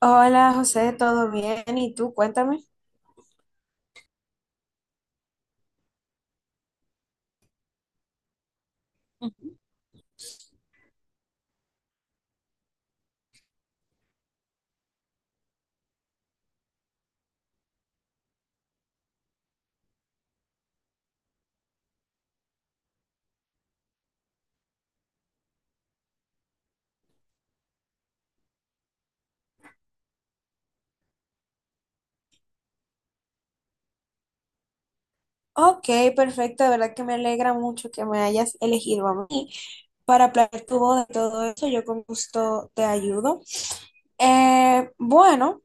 Hola José, ¿todo bien? ¿Y tú? Cuéntame. Ok, perfecto, de verdad que me alegra mucho que me hayas elegido a mí para planear tu boda y todo eso, yo con gusto te ayudo. Bueno,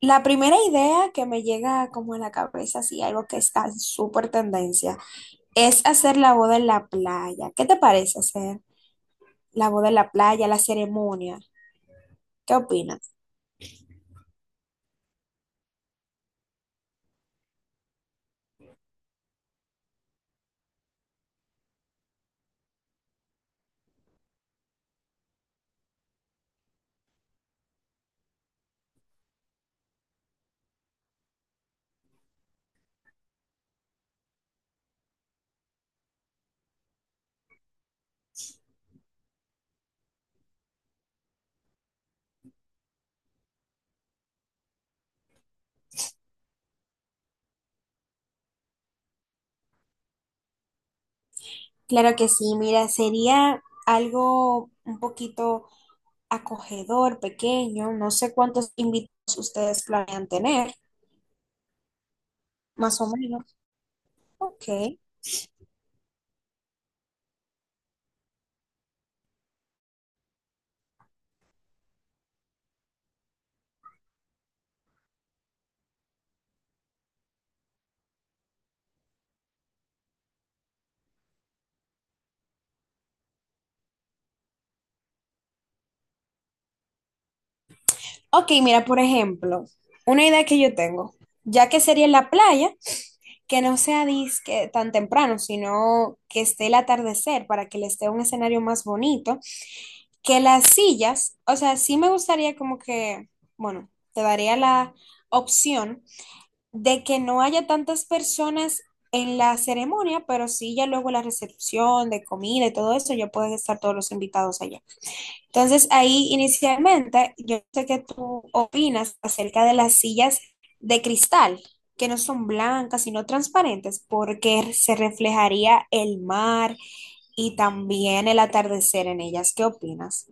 la primera idea que me llega como a la cabeza, así algo que está en súper tendencia, es hacer la boda en la playa. ¿Qué te parece hacer la boda en la playa, la ceremonia? ¿Qué opinas? Claro que sí, mira, sería algo un poquito acogedor, pequeño, no sé cuántos invitados ustedes planean tener, más o menos. Ok. Ok, mira, por ejemplo, una idea que yo tengo, ya que sería en la playa, que no sea disque tan temprano, sino que esté el atardecer para que les dé un escenario más bonito, que las sillas, o sea, sí me gustaría como que, bueno, te daría la opción de que no haya tantas personas en la ceremonia, pero sí ya luego la recepción de comida y todo eso, ya pueden estar todos los invitados allá. Entonces, ahí inicialmente, yo sé que tú opinas acerca de las sillas de cristal, que no son blancas, sino transparentes, porque se reflejaría el mar y también el atardecer en ellas. ¿Qué opinas?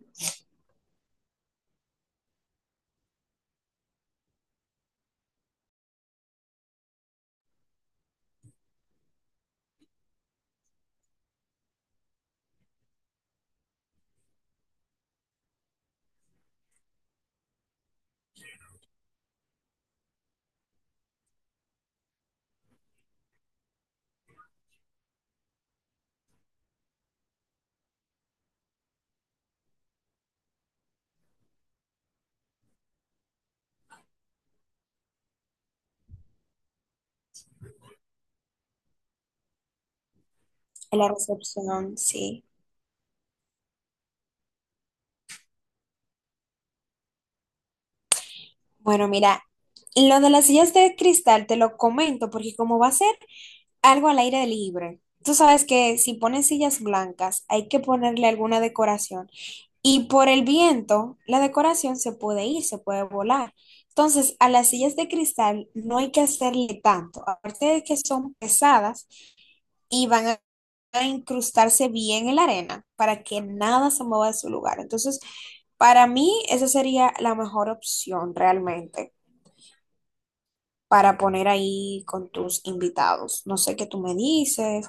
En la recepción, sí. Bueno, mira, lo de las sillas de cristal te lo comento porque como va a ser algo al aire libre. Tú sabes que si ponen sillas blancas, hay que ponerle alguna decoración. Y por el viento, la decoración se puede ir, se puede volar. Entonces, a las sillas de cristal no hay que hacerle tanto. Aparte de que son pesadas y van a incrustarse bien en la arena para que nada se mueva de su lugar. Entonces, para mí, esa sería la mejor opción realmente para poner ahí con tus invitados. No sé qué tú me dices.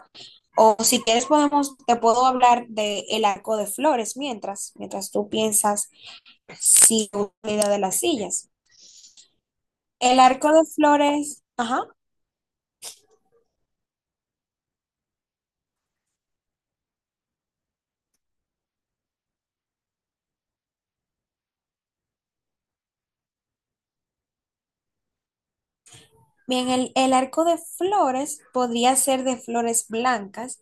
O si quieres podemos, te puedo hablar de el arco de flores mientras tú piensas si una idea de las sillas. El arco de flores, ajá, bien, el arco de flores podría ser de flores blancas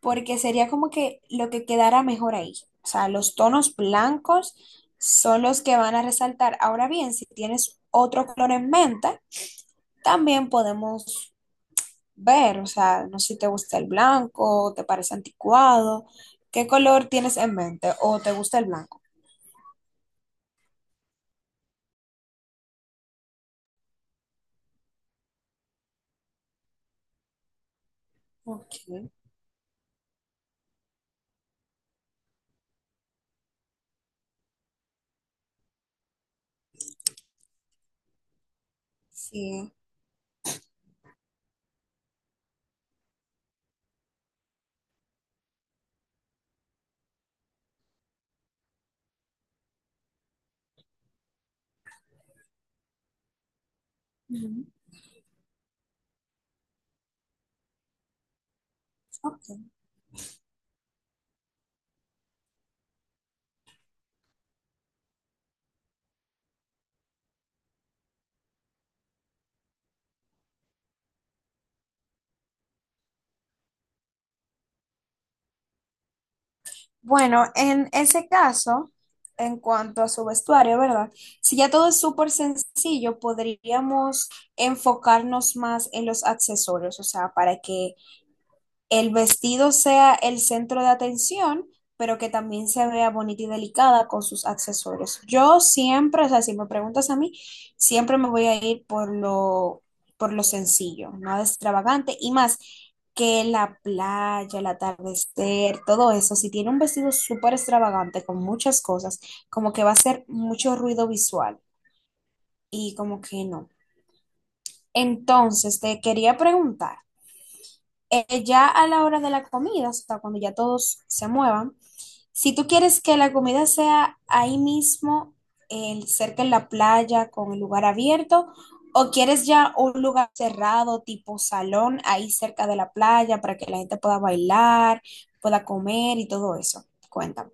porque sería como que lo que quedara mejor ahí. O sea, los tonos blancos son los que van a resaltar. Ahora bien, si tienes otro color en mente, también podemos ver, o sea, no sé si te gusta el blanco, te parece anticuado, ¿qué color tienes en mente o te gusta el blanco? Ok, sí. Ujú, ok. Bueno, en ese caso, en cuanto a su vestuario, ¿verdad? Si ya todo es súper sencillo, podríamos enfocarnos más en los accesorios, o sea, para que el vestido sea el centro de atención, pero que también se vea bonita y delicada con sus accesorios. Yo siempre, o sea, si me preguntas a mí, siempre me voy a ir por lo sencillo, nada extravagante y más que la playa, el atardecer, todo eso. Si tiene un vestido súper extravagante con muchas cosas, como que va a hacer mucho ruido visual y como que no. Entonces, te quería preguntar ya a la hora de la comida, o sea, cuando ya todos se muevan, si tú quieres que la comida sea ahí mismo, cerca en la playa, con el lugar abierto, o quieres ya un lugar cerrado, tipo salón, ahí cerca de la playa, para que la gente pueda bailar, pueda comer y todo eso. Cuéntame.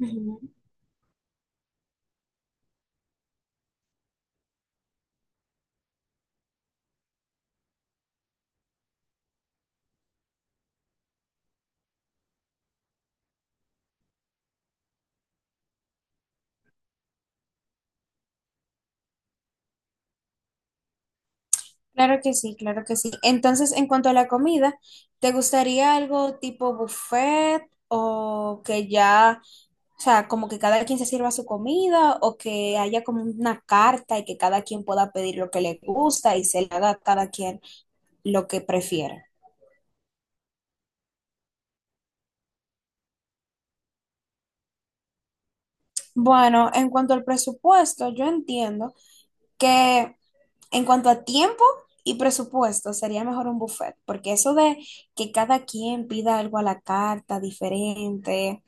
Ujú. Claro que sí, claro que sí. Entonces, en cuanto a la comida, ¿te gustaría algo tipo buffet o que ya, o sea, como que cada quien se sirva su comida o que haya como una carta y que cada quien pueda pedir lo que le gusta y se le haga a cada quien lo que prefiera? Bueno, en cuanto al presupuesto, yo entiendo que en cuanto a tiempo y presupuesto sería mejor un buffet, porque eso de que cada quien pida algo a la carta diferente,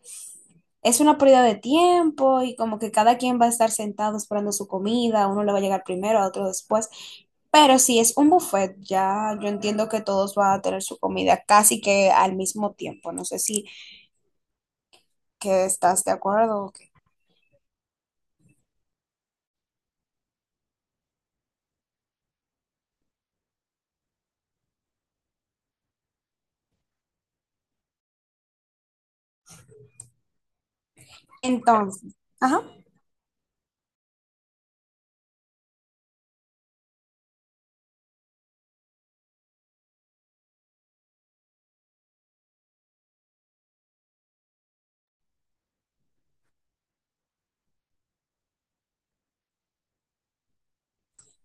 es una pérdida de tiempo y como que cada quien va a estar sentado esperando su comida, a uno le va a llegar primero, a otro después. Pero si es un buffet, ya yo entiendo que todos van a tener su comida casi que al mismo tiempo. No sé si que estás de acuerdo o qué. Entonces, ajá.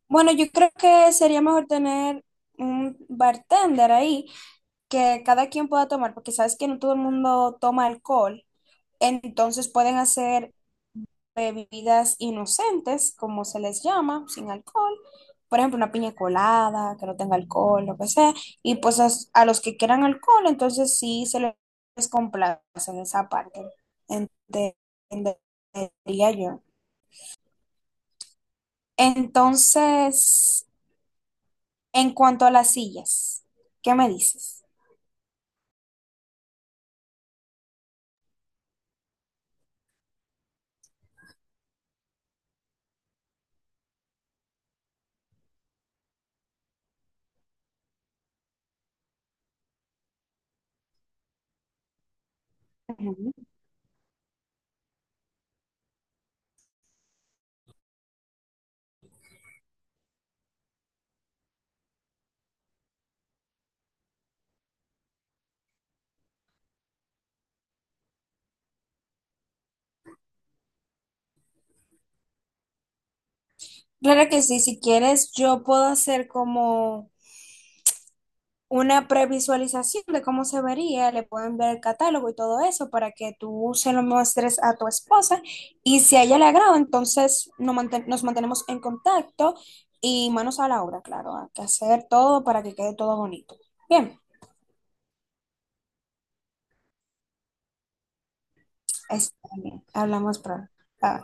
Bueno, yo creo que sería mejor tener un bartender ahí que cada quien pueda tomar, porque sabes que no todo el mundo toma alcohol. Entonces pueden hacer bebidas inocentes, como se les llama, sin alcohol. Por ejemplo, una piña colada, que no tenga alcohol, lo que sea. Y pues a los que quieran alcohol, entonces sí se les complace en esa parte. Entendería yo. Entonces, en cuanto a las sillas, ¿qué me dices? Ujú. Claro que sí, si quieres, yo puedo hacer como una previsualización de cómo se vería, le puedo enviar el catálogo y todo eso para que tú se lo muestres a tu esposa y si a ella le agrada, entonces nos, manten- nos mantenemos en contacto y manos a la obra, claro, hay que hacer todo para que quede todo bonito. Bien, está bien, hablamos pronto. Bye.